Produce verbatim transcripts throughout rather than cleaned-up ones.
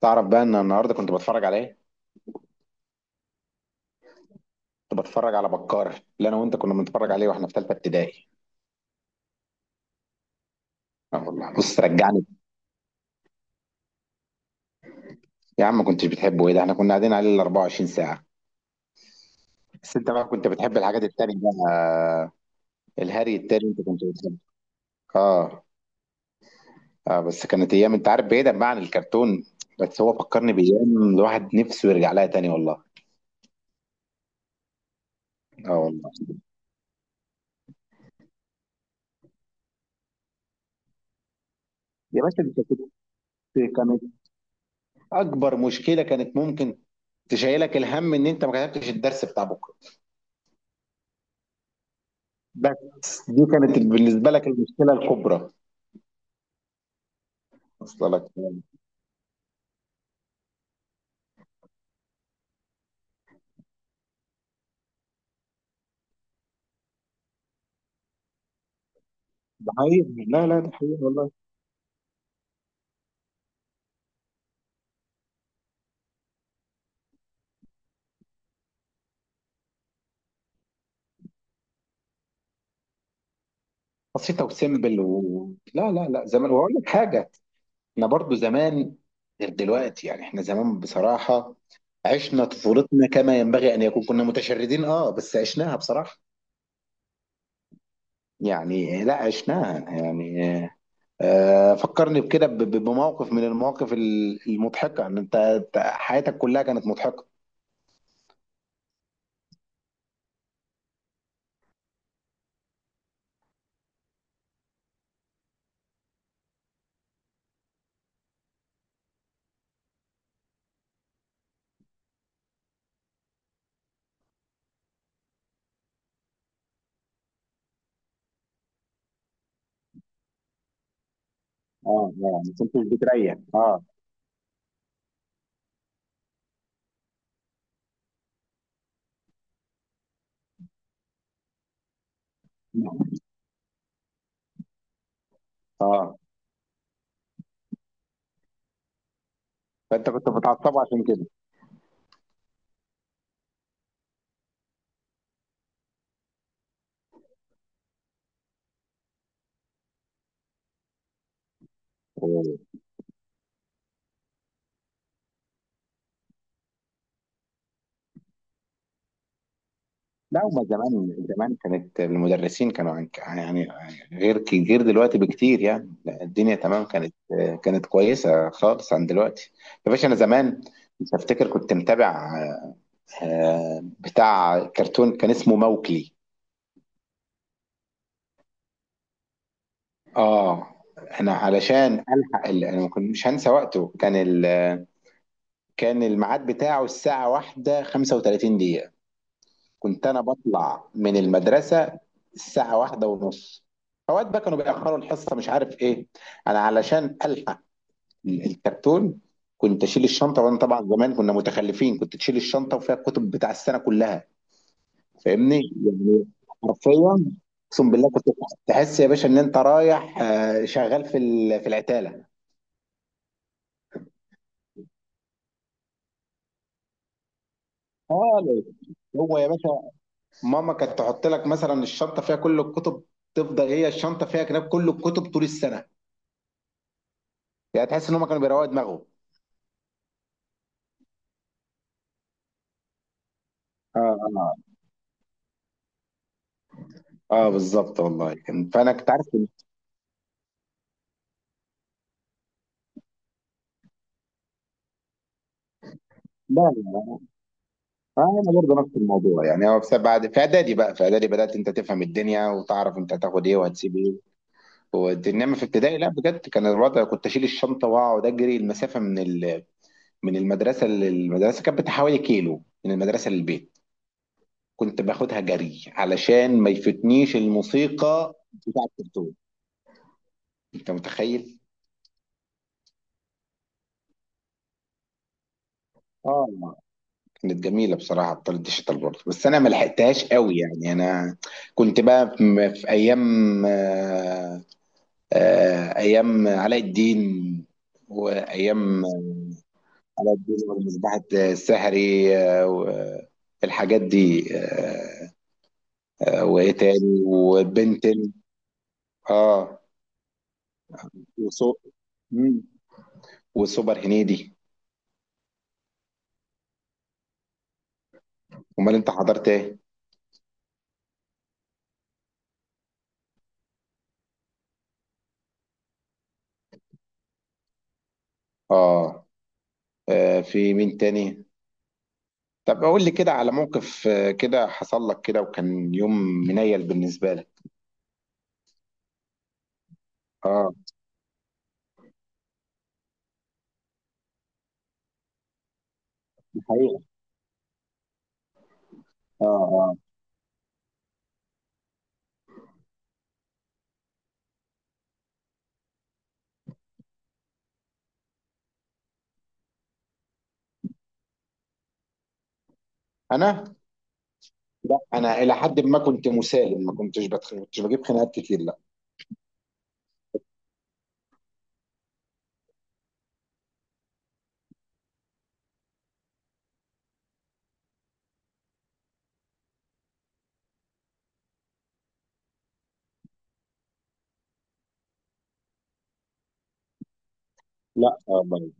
تعرف بقى ان النهارده كنت بتفرج على ايه؟ كنت بتفرج على بكار اللي انا وانت كنا بنتفرج عليه واحنا في ثالثه ابتدائي. اه والله، بص رجعني. يا عم ما كنتش بتحبه؟ ايه ده احنا كنا قاعدين عليه ال أربعة وعشرين ساعه. بس انت بقى كنت بتحب الحاجات التانية بقى. الهري التاني انت كنت بتحبه. اه. اه بس كانت ايام، انت عارف، بعيدا بقى عن الكرتون. بس هو فكرني بايام الواحد نفسه يرجع لها تاني والله. اه والله. يا باشا انت كنت كانت اكبر مشكله كانت ممكن تشيلك الهم ان انت ما كتبتش الدرس بتاع بكره. بس دي كانت بالنسبة لك المشكلة الكبرى أصلا لك يعني. ده حقيقي، لا لا ده حقيقي والله. بسيطة وسيمبل و... لا لا لا، زمان وأقول لك حاجة. إحنا برضو زمان غير دلوقتي، يعني إحنا زمان بصراحة عشنا طفولتنا كما ينبغي أن يكون، كنا متشردين أه بس عشناها بصراحة. يعني لا عشناها يعني. آه، فكرني بكده ب- ب- بموقف من المواقف ال- المضحكة، إن أنت أنت حياتك كلها كانت مضحكة. أه يعني ما كنتش بتريح أه. أه آه. فانت كنت بتعصبه عشان كده. أوه. لا هما زمان زمان كانت المدرسين كانوا عن- يعني غير ك- غير دلوقتي بكتير، يعني لا، الدنيا تمام كانت كانت كويسه خالص عن دلوقتي. يا باشا انا زمان مش هفتكر، كنت متابع آه، بتاع كرتون كان اسمه موكلي. اه، انا علشان الحق ال- انا ما كنت- مش هنسى وقته، كان ال... كان الميعاد بتاعه الساعه واحدة وخمسة وثلاثين دقيقه. كنت انا بطلع من المدرسه الساعه واحدة ونص، اوقات بقى كانوا بيأخروا الحصه مش عارف ايه. انا علشان الحق ال- الكرتون كنت اشيل الشنطه، وانا طبعا زمان كنا متخلفين، كنت تشيل الشنطه وفيها الكتب بتاع السنه كلها، فاهمني؟ يعني حرفيا اقسم بالله، كنت تحس يا باشا ان انت رايح آه، شغال في ال- في العتاله خالص. هو يا باشا ماما كانت تحط لك مثلا الشنطه فيها كل الكتب، تفضل هي الشنطه فيها كتاب، كل الكتب طول السنه. يعني تحس ان هم كانوا بيروقوا دماغهم. اه. اه. اه، بالظبط والله كان، فانا كنت عارف إن- لا لا. آه انا برضه نفس الموضوع، يعني هو بسبب بعد في اعدادي، بقى في اعدادي بدات انت تفهم الدنيا، وتعرف انت هتاخد ايه وهتسيب ايه والدنيا. انما في ابتدائي لا، بجد كان الوضع كنت اشيل الشنطه واقعد اجري المسافه من ال... من المدرسه للمدرسه، كانت بتاع حوالي كيلو من المدرسه للبيت. كنت باخدها جري علشان ما يفتنيش الموسيقى بتاع الكرتون. انت متخيل؟ اه، كانت جميله بصراحه بطاله ديجيتال برضه، بس انا ما لحقتهاش قوي يعني. انا كنت بقى في في ايام آه، آه، ايام علاء الدين وايام علاء الدين ومصباح السحري، آه، والحاجات دي، آه، آه، وايه تاني، وبنتن. اه وسو مم. وسوبر هنيدي. امال انت حضرت ايه؟ اه. آه، في مين تاني؟ طب قول لي كده على موقف آه، كده حصل لك، كده وكان يوم منيل بالنسبة لك. اه دي حقيقة. اه. اه. انا، لا انا الى حد ما كنت مسالم، ما كنتش بتخ... كنتش بجيب خناقات كتير، لا. لا آه، والله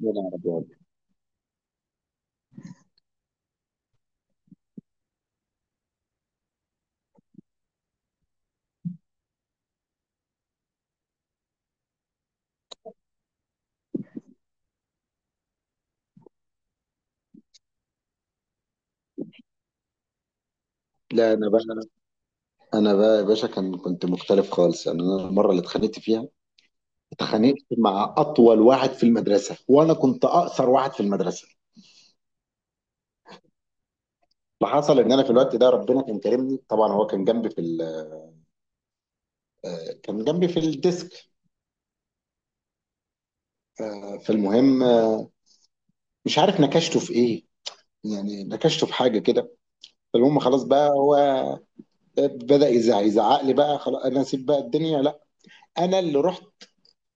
يا نهار أبيض. لا انا بقى، انا بقى يا باشا كان كنت مختلف خالص. يعني انا المره اللي اتخانقت فيها، اتخانقت مع اطول واحد في المدرسه، وانا كنت اقصر واحد في المدرسه. اللي حصل ان انا في الوقت ده ربنا كان كرمني، طبعا هو كان جنبي في ال... آه، كان جنبي في الديسك. آه، فالمهم آه، مش عارف نكشته في ايه، يعني نكشته في حاجه كده. فالمهم خلاص بقى، هو بدأ يزعق يزعق لي بقى. خلاص انا اسيب بقى الدنيا؟ لا، انا اللي رحت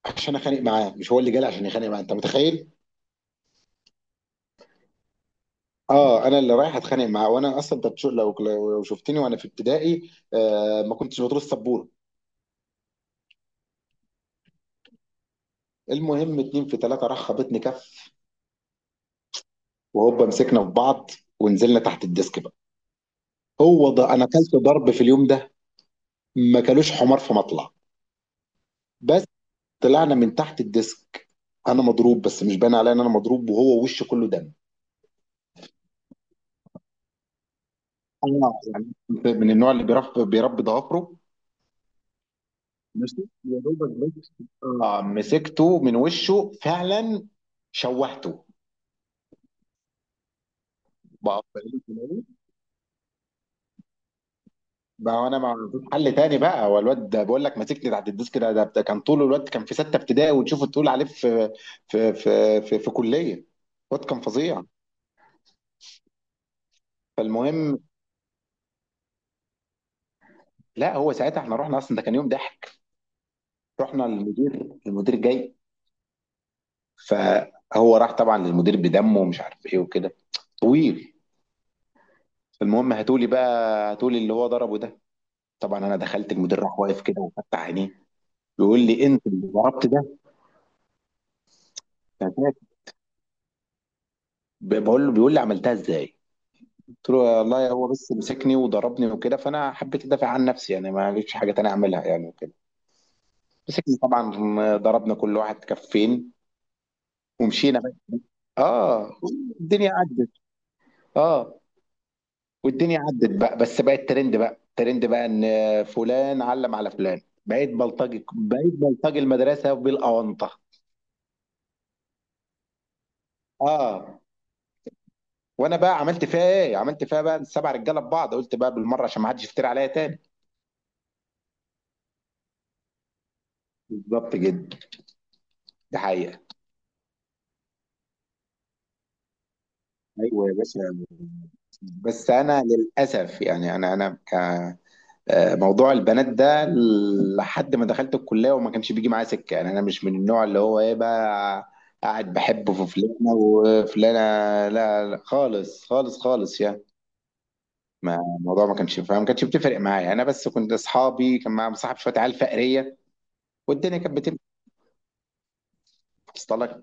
عشان اخانق معاه، مش هو اللي جالي عشان يخانق معاه، انت متخيل؟ اه، انا اللي رايح اتخانق معاه، وانا اصلا انت بتشوف لو لو شفتني وانا في ابتدائي، آه ما كنتش بطول السبوره. المهم، اتنين في تلاته راح خبطني كف، وهوبا مسكنا في بعض ونزلنا تحت الديسك بقى. هو ده، انا اكلت ضرب في اليوم ده ما كلوش حمار في مطلع. بس طلعنا من تحت الديسك، انا مضروب بس مش باين عليا ان انا مضروب، وهو وشه كله دم. انا يعني كنت من النوع اللي بيرف بيربي ضوافره، ماشي يا دوبك، بس آه، مسكته من وشه فعلا، شوهته. بقى بقى انا مع حل تاني بقى، هو الواد ده بقول لك ماسكني تحت الديسك ده, ده كان طول الواد كان في سته ابتدائي، وتشوفه تقول عليه في في في في, في كليه. الواد كان فظيع. فالمهم، لا هو ساعتها احنا رحنا، اصلا ده كان يوم ضحك. رحنا للمدير، المدير جاي، فهو راح طبعا للمدير بدمه ومش عارف ايه وكده، طويل. المهم هاتولي بقى، هاتولي اللي هو ضربه ده. طبعا انا دخلت، المدير راح واقف كده وفتح عينيه، بيقول لي انت اللي ضربت ده؟ هتاك. ب- بقول له، بيقول لي عملتها ازاي. قلت له والله هو بس مسكني وضربني وكده، فانا حبيت ادافع عن نفسي يعني، ما فيش حاجه تانية اعملها يعني وكده. مسكني طبعا، ضربنا كل واحد كفين ومشينا بقى. اه. الدنيا عدت. اه، والدنيا عدت بقى، بس بقت ترند بقى، ترند بقى ان فلان علم على فلان. بقيت بلطجي، بقيت بلطجي المدرسه بالاونطه. اه، وانا بقى عملت فيها ايه؟ عملت فيها بقى السبع رجاله ببعض، قلت بقى بالمره عشان ما حدش يفتري عليا تاني. بالظبط جدا، ده حقيقه. ايوه يا باشا، بس انا للاسف يعني انا انا ك آه، موضوع البنات ده لحد ما دخلت الكلية وما كانش بيجي معايا سكة، يعني أنا مش من النوع اللي هو إيه بقى، قاعد بحب في فلانة وفلانة. لا، لا خالص خالص خالص يعني، ما الموضوع ما كانش فاهم، ما كانش بتفرق معايا يعني. أنا بس كنت أصحابي كان معايا، مصاحب شوية عيال فقرية والدنيا كانت بتمشي. وصل لك؟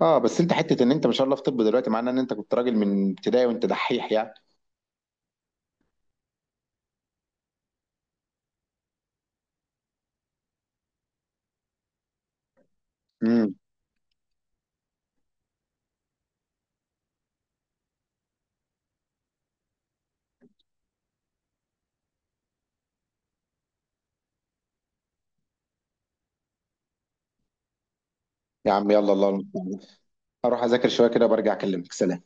اه، بس انت حته ان انت ما شاء الله في طب دلوقتي، معناه ان انت كنت راجل من ابتدائي وانت دحيح يعني. امم يا عم يلا، الله المستعان، اروح اذاكر شويه كده وبرجع اكلمك، سلام.